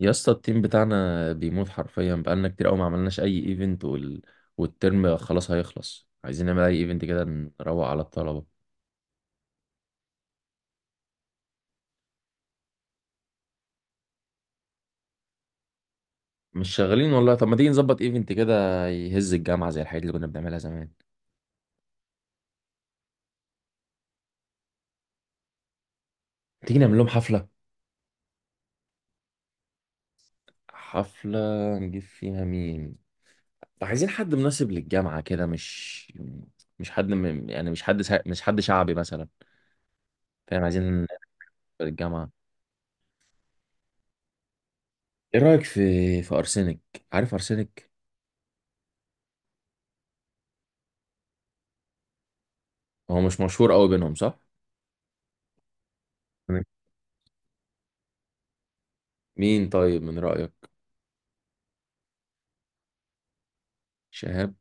يا اسطى، التيم بتاعنا بيموت حرفيا، بقالنا كتير قوي ما عملناش اي ايفنت والترم خلاص هيخلص. عايزين نعمل اي ايفنت كده، نروق على الطلبه. مش شغالين والله. طب ما تيجي نظبط ايفنت كده يهز الجامعه زي الحاجات اللي كنا بنعملها زمان؟ تيجي نعمل لهم حفله. حفله نجيب فيها مين؟ عايزين حد مناسب للجامعه كده، مش يعني مش حد شعبي مثلا. فاهم؟ عايزين الجامعه. ايه رايك في ارسنك؟ عارف ارسنك؟ هو مش مشهور قوي بينهم، صح؟ مين طيب من رأيك؟ شهاب؟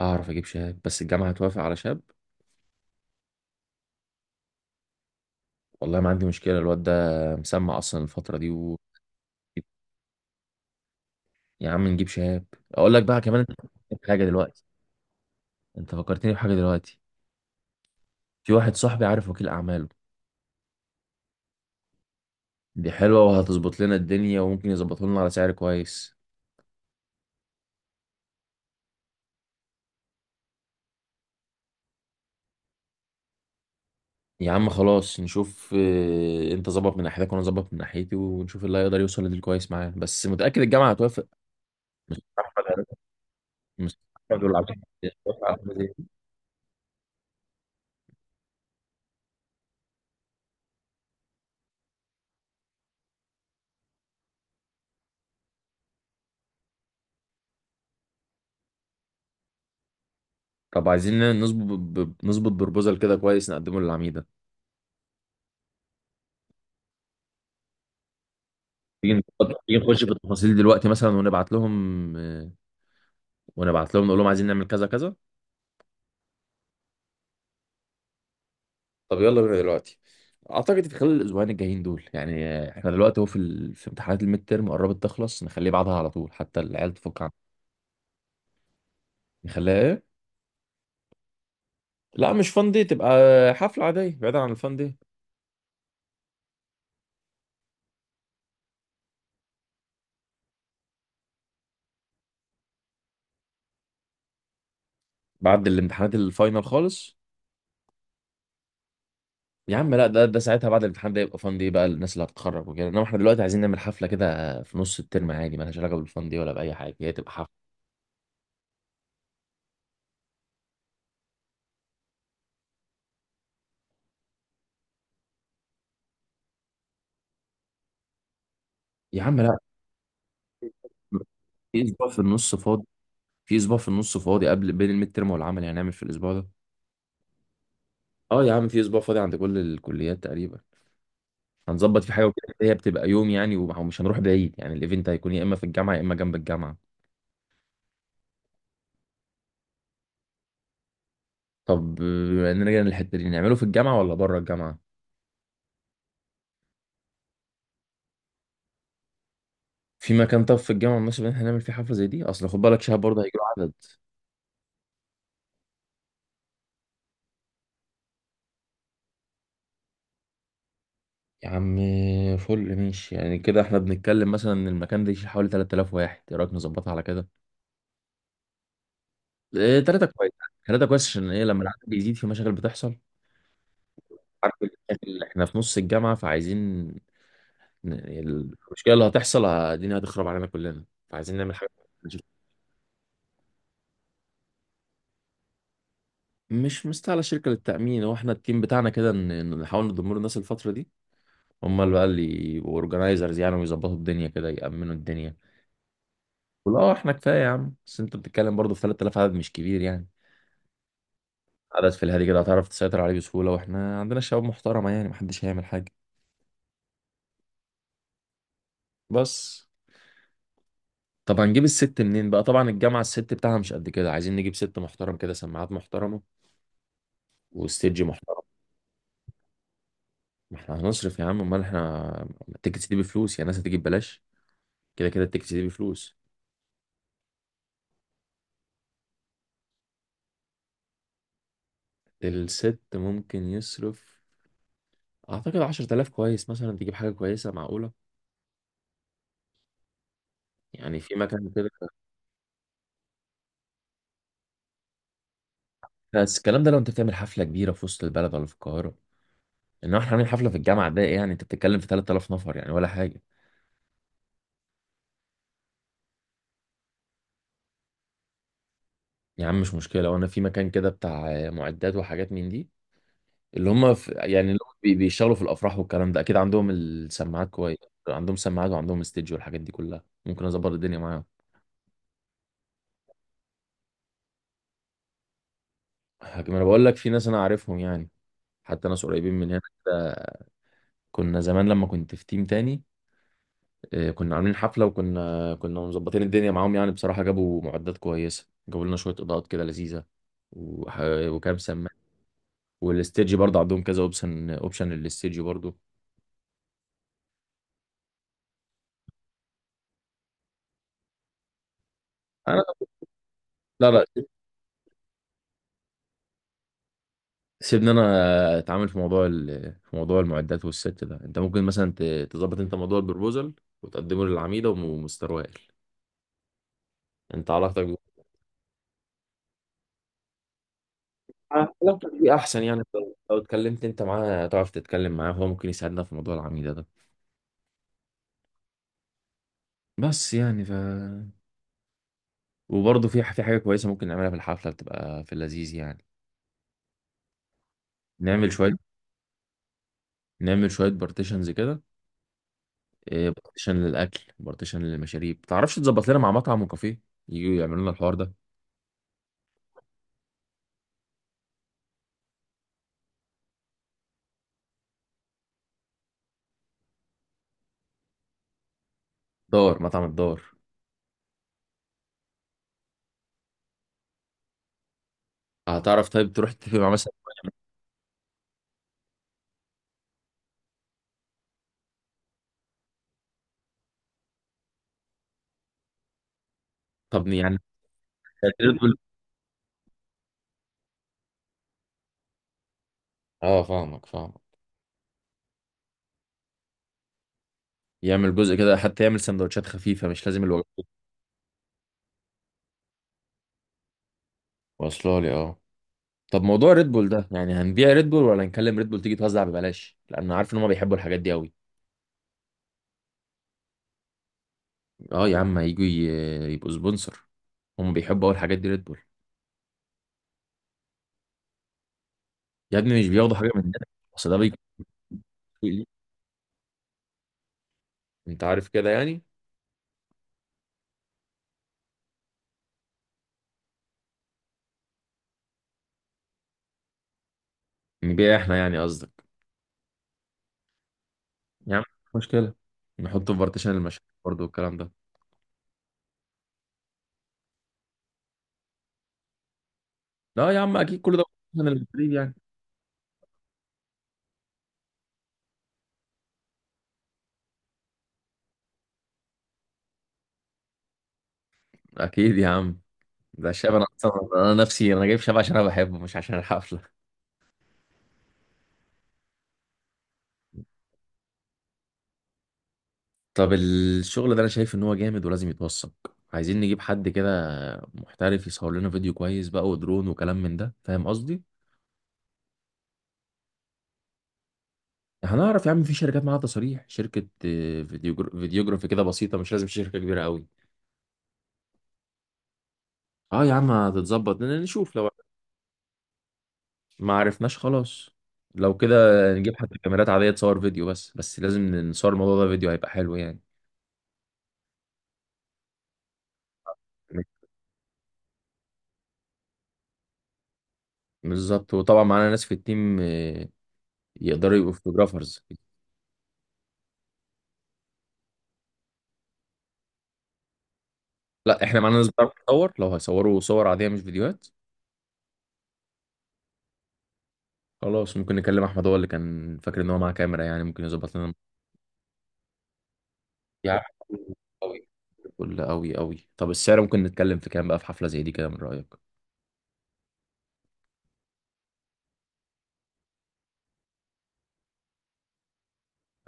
اعرف اجيب شهاب، بس الجامعة هتوافق على شهاب؟ والله ما عندي مشكلة، الواد ده مسمع اصلا الفترة دي يا عم نجيب شهاب. اقول لك بقى كمان، انت حاجة دلوقتي. انت فكرتني بحاجة دلوقتي. في واحد صاحبي عارف وكيل اعماله. دي حلوة وهتظبط لنا الدنيا، وممكن يظبطه لنا على سعر كويس. يا عم خلاص نشوف، انت ظبط من ناحيتك وانا ظبط من ناحيتي، ونشوف اللي هيقدر يوصل لديل كويس معاه، بس متأكد الجامعة هتوافق؟ أحمد. هيرفع- أحمد والعبد. طب عايزين نظبط نظبط بروبوزال كده كويس نقدمه للعميدة. تيجي نخش في التفاصيل دلوقتي مثلا، ونبعت لهم، ونبعت لهم نقول لهم عايزين نعمل كذا كذا. طب يلا بينا دلوقتي. اعتقد في خلال الاسبوعين الجايين دول يعني، احنا دلوقتي اهو في في امتحانات الميد تيرم، قربت تخلص، نخليه بعدها على طول حتى العيال تفك عنها. نخليها ايه؟ لا مش فان دي تبقى، حفلة عادية بعيدا عن الفان دي. بعد الامتحانات الفاينل خالص؟ يا عم لا، ده ساعتها بعد الامتحان ده يبقى فان دي، بقى الناس اللي هتتخرج وكده. انما احنا دلوقتي عايزين نعمل حفله كده في نص الترم عادي، مالهاش علاقه بالفان دي ولا باي حاجه، هي تبقى حفله. يا عم لا، في اسبوع في النص فاضي. في اسبوع في النص فاضي قبل، بين الميد ترم والعمل يعني، هنعمل في الاسبوع ده. اه يا عم في اسبوع فاضي عند كل الكليات تقريبا. هنظبط في حاجه وكده، هي بتبقى يوم يعني، ومش هنروح بعيد يعني، الايفنت هيكون يا اما في الجامعه يا اما جنب الجامعه. طب، نرجع للحته دي، نعمله في الجامعه ولا بره الجامعه؟ في مكان طب في الجامعه مناسب ان احنا نعمل فيه حفله زي دي؟ اصل خد بالك، شهر برضه هيجي له عدد، يا عم فل ماشي. يعني كده احنا بنتكلم مثلا ان المكان ده يشيل حوالي 3000 واحد، ايه رايك نظبطها على كده؟ ايه، 3 كويس. 3 كويس عشان ايه لما العدد بيزيد في مشاكل بتحصل. عارف، احنا في نص الجامعه، فعايزين ن- المشكله اللي هتحصل الدنيا هتخرب علينا كلنا، فعايزين نعمل حاجه. مش مستاهله شركه للتامين. هو احنا التيم بتاعنا كده، نحاول نضم له الناس الفتره دي، هم اللي بقى اللي يبقوا اورجنايزرز يعني، ويظبطوا الدنيا كده، يامنوا الدنيا. ولا احنا كفايه يا عم، بس انت بتتكلم برضه في 3000، عدد مش كبير يعني. عدد في الهادي كده، هتعرف تسيطر عليه بسهولة، واحنا عندنا شباب محترمة يعني، محدش هيعمل حاجة. بس طب هنجيب الست منين بقى؟ طبعا الجامعة الست بتاعها مش قد كده، عايزين نجيب ست محترم كده، سماعات محترمة وستيج محترم. ما احنا هنصرف يا عم، امال احنا التيكتس دي بفلوس يعني، الناس هتيجي ببلاش؟ كده كده التيكتس دي بفلوس. الست ممكن يصرف، اعتقد 10000 كويس مثلا، تجيب حاجة كويسة معقولة يعني، في مكان كده. بس الكلام ده لو انت بتعمل حفلة كبيرة في وسط البلد ولا في القاهرة، انما احنا هنعمل حفلة في الجامعة، ده إيه يعني، انت بتتكلم في 3000 نفر يعني ولا حاجة. يا عم مش مشكلة، وانا في مكان كده بتاع معدات وحاجات من دي، اللي هم في يعني اللي هم بيشتغلوا في الافراح والكلام ده، اكيد عندهم السماعات كويس. عندهم سماعات وعندهم استديو والحاجات دي كلها، ممكن اظبط الدنيا معاهم. لكن انا بقول لك في ناس انا عارفهم يعني، حتى ناس قريبين من هنا كده. كنا زمان لما كنت في تيم تاني، كنا عاملين حفلة، وكنا مظبطين الدنيا معاهم. يعني بصراحة جابوا معدات كويسة، جابوا لنا شوية اضاءات كده لذيذة، وح- وكام سماعة. والاستديو برضه عندهم كذا اوبشن للاستديو برضه. انا لا لا، سيبني انا اتعامل في موضوع في موضوع المعدات والست ده. انت ممكن مثلا تظبط انت موضوع البروبوزل وتقدمه للعميده ومستر وائل. انت علاقتك بيه احسن يعني، لو اتكلمت انت معاه، تعرف تتكلم معاه؟ هو ممكن يساعدنا في موضوع العميده ده. بس يعني وبرضه في حاجه كويسه ممكن نعملها في الحفله، بتبقى في اللذيذ يعني. نعمل شويه نعمل شويه بارتيشنز كده، بارتيشن للاكل، بارتيشن للمشاريب. تعرفش تظبط لنا مع مطعم وكافيه، يجوا يعملوا لنا الحوار ده؟ دار، مطعم الدار. هتعرف طيب تروح تتفق مع مثلا، طب يعني تقول- اه فاهمك فاهمك. يعمل جزء كده، حتى يعمل سندوتشات خفيفة، مش لازم الوجبات. واصله لي اه. طب موضوع ريد بول ده، يعني هنبيع ريد بول ولا نكلم ريد بول تيجي توزع ببلاش؟ لان عارف ان هم بيحبوا الحاجات دي قوي. اه يا عم هيجوا يبقوا سبونسر. هم بيحبوا اول الحاجات دي ريد بول. يا ابني مش بياخدوا حاجة مننا. بس ده بيكون سوق ليه. انت عارف كده يعني. نبيع احنا يعني قصدك؟ يا عم مش مشكلة، نحطه في بارتيشن المشاكل برضه والكلام ده. لا يا عم اكيد كل ده، من المدريد يعني. اكيد يا عم، ده الشعب، انا اصلا انا نفسي انا جايب شعب عشان انا بحبه، مش عشان الحفله. طب الشغل ده انا شايف ان هو جامد، ولازم يتوثق. عايزين نجيب حد كده محترف يصور لنا فيديو كويس بقى، ودرون وكلام من ده، فاهم قصدي؟ هنعرف يا عم، في شركات معاها تصاريح، شركه فيديوجرافي كده بسيطه، مش لازم شركه كبيره قوي. اه يا عم هتتظبط، نشوف. لو ما عرفناش خلاص، لو كده نجيب حد كاميرات عاديه تصور فيديو، بس بس لازم نصور الموضوع ده فيديو، هيبقى حلو يعني. بالظبط، وطبعا معانا ناس في التيم يقدروا يبقوا فوتوجرافرز. لا احنا معانا ناس بتعرف تصور، لو هيصوروا صور عاديه مش فيديوهات. خلاص ممكن نكلم احمد، هو اللي كان فاكر ان هو معاه كاميرا يعني، ممكن يظبط لنا. يا قوي، كل قوي قوي. طب السعر ممكن نتكلم في كام بقى، في حفله زي دي كده، من رايك؟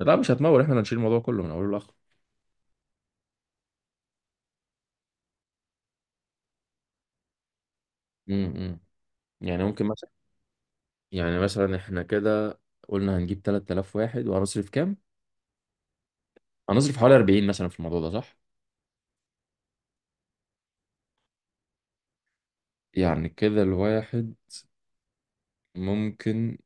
لا مش هتمول، احنا اللي هنشيل الموضوع كله من اوله لاخره. امم، يعني ممكن مثلا، يعني مثلا احنا كده قلنا هنجيب 3000 واحد، وهنصرف كام؟ هنصرف حوالي 40 مثلا في الموضوع ده، صح؟ يعني كده الواحد ممكن،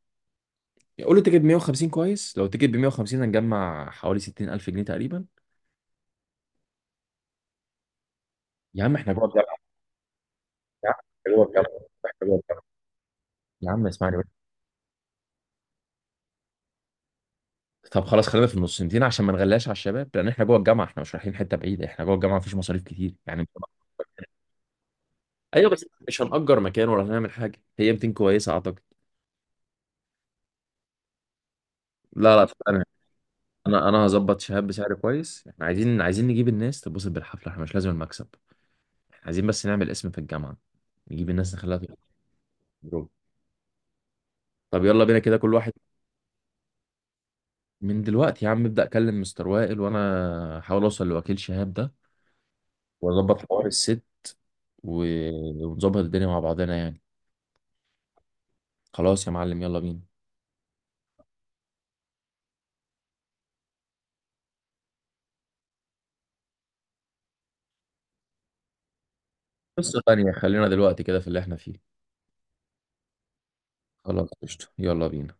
قول له تيكت 150 كويس. لو تيكت ب 150، هنجمع حوالي 60000 جنيه تقريبا. يا عم احنا جوه الجامعه، يا عم احنا جوه الجامعه، احنا جوه الجامعه. يا عم اسمعني بس. طب خلاص خلينا في النصنتين، عشان ما نغلاش على الشباب، لان احنا جوه الجامعه، احنا مش رايحين حته بعيده، احنا جوه الجامعه، مفيش مصاريف كتير يعني. ايوه، بس مش هنأجر مكان ولا هنعمل حاجه، هي 200 كويسه اعتقد. لا لا، انا هظبط شهاب بسعر كويس. احنا عايزين نجيب الناس تتبسط بالحفله، احنا مش لازم المكسب. احنا عايزين بس نعمل اسم في الجامعه، نجيب الناس نخليها في الجروب. طب يلا بينا كده كل واحد. من دلوقتي يا عم ابدأ اكلم مستر وائل، وانا احاول اوصل لوكيل شهاب ده واظبط حوار الست، ونظبط الدنيا مع بعضنا يعني. خلاص يا معلم يلا بينا. قصة تانية، خلينا دلوقتي كده في اللي احنا فيه. خلاص قشطة، يلا بينا.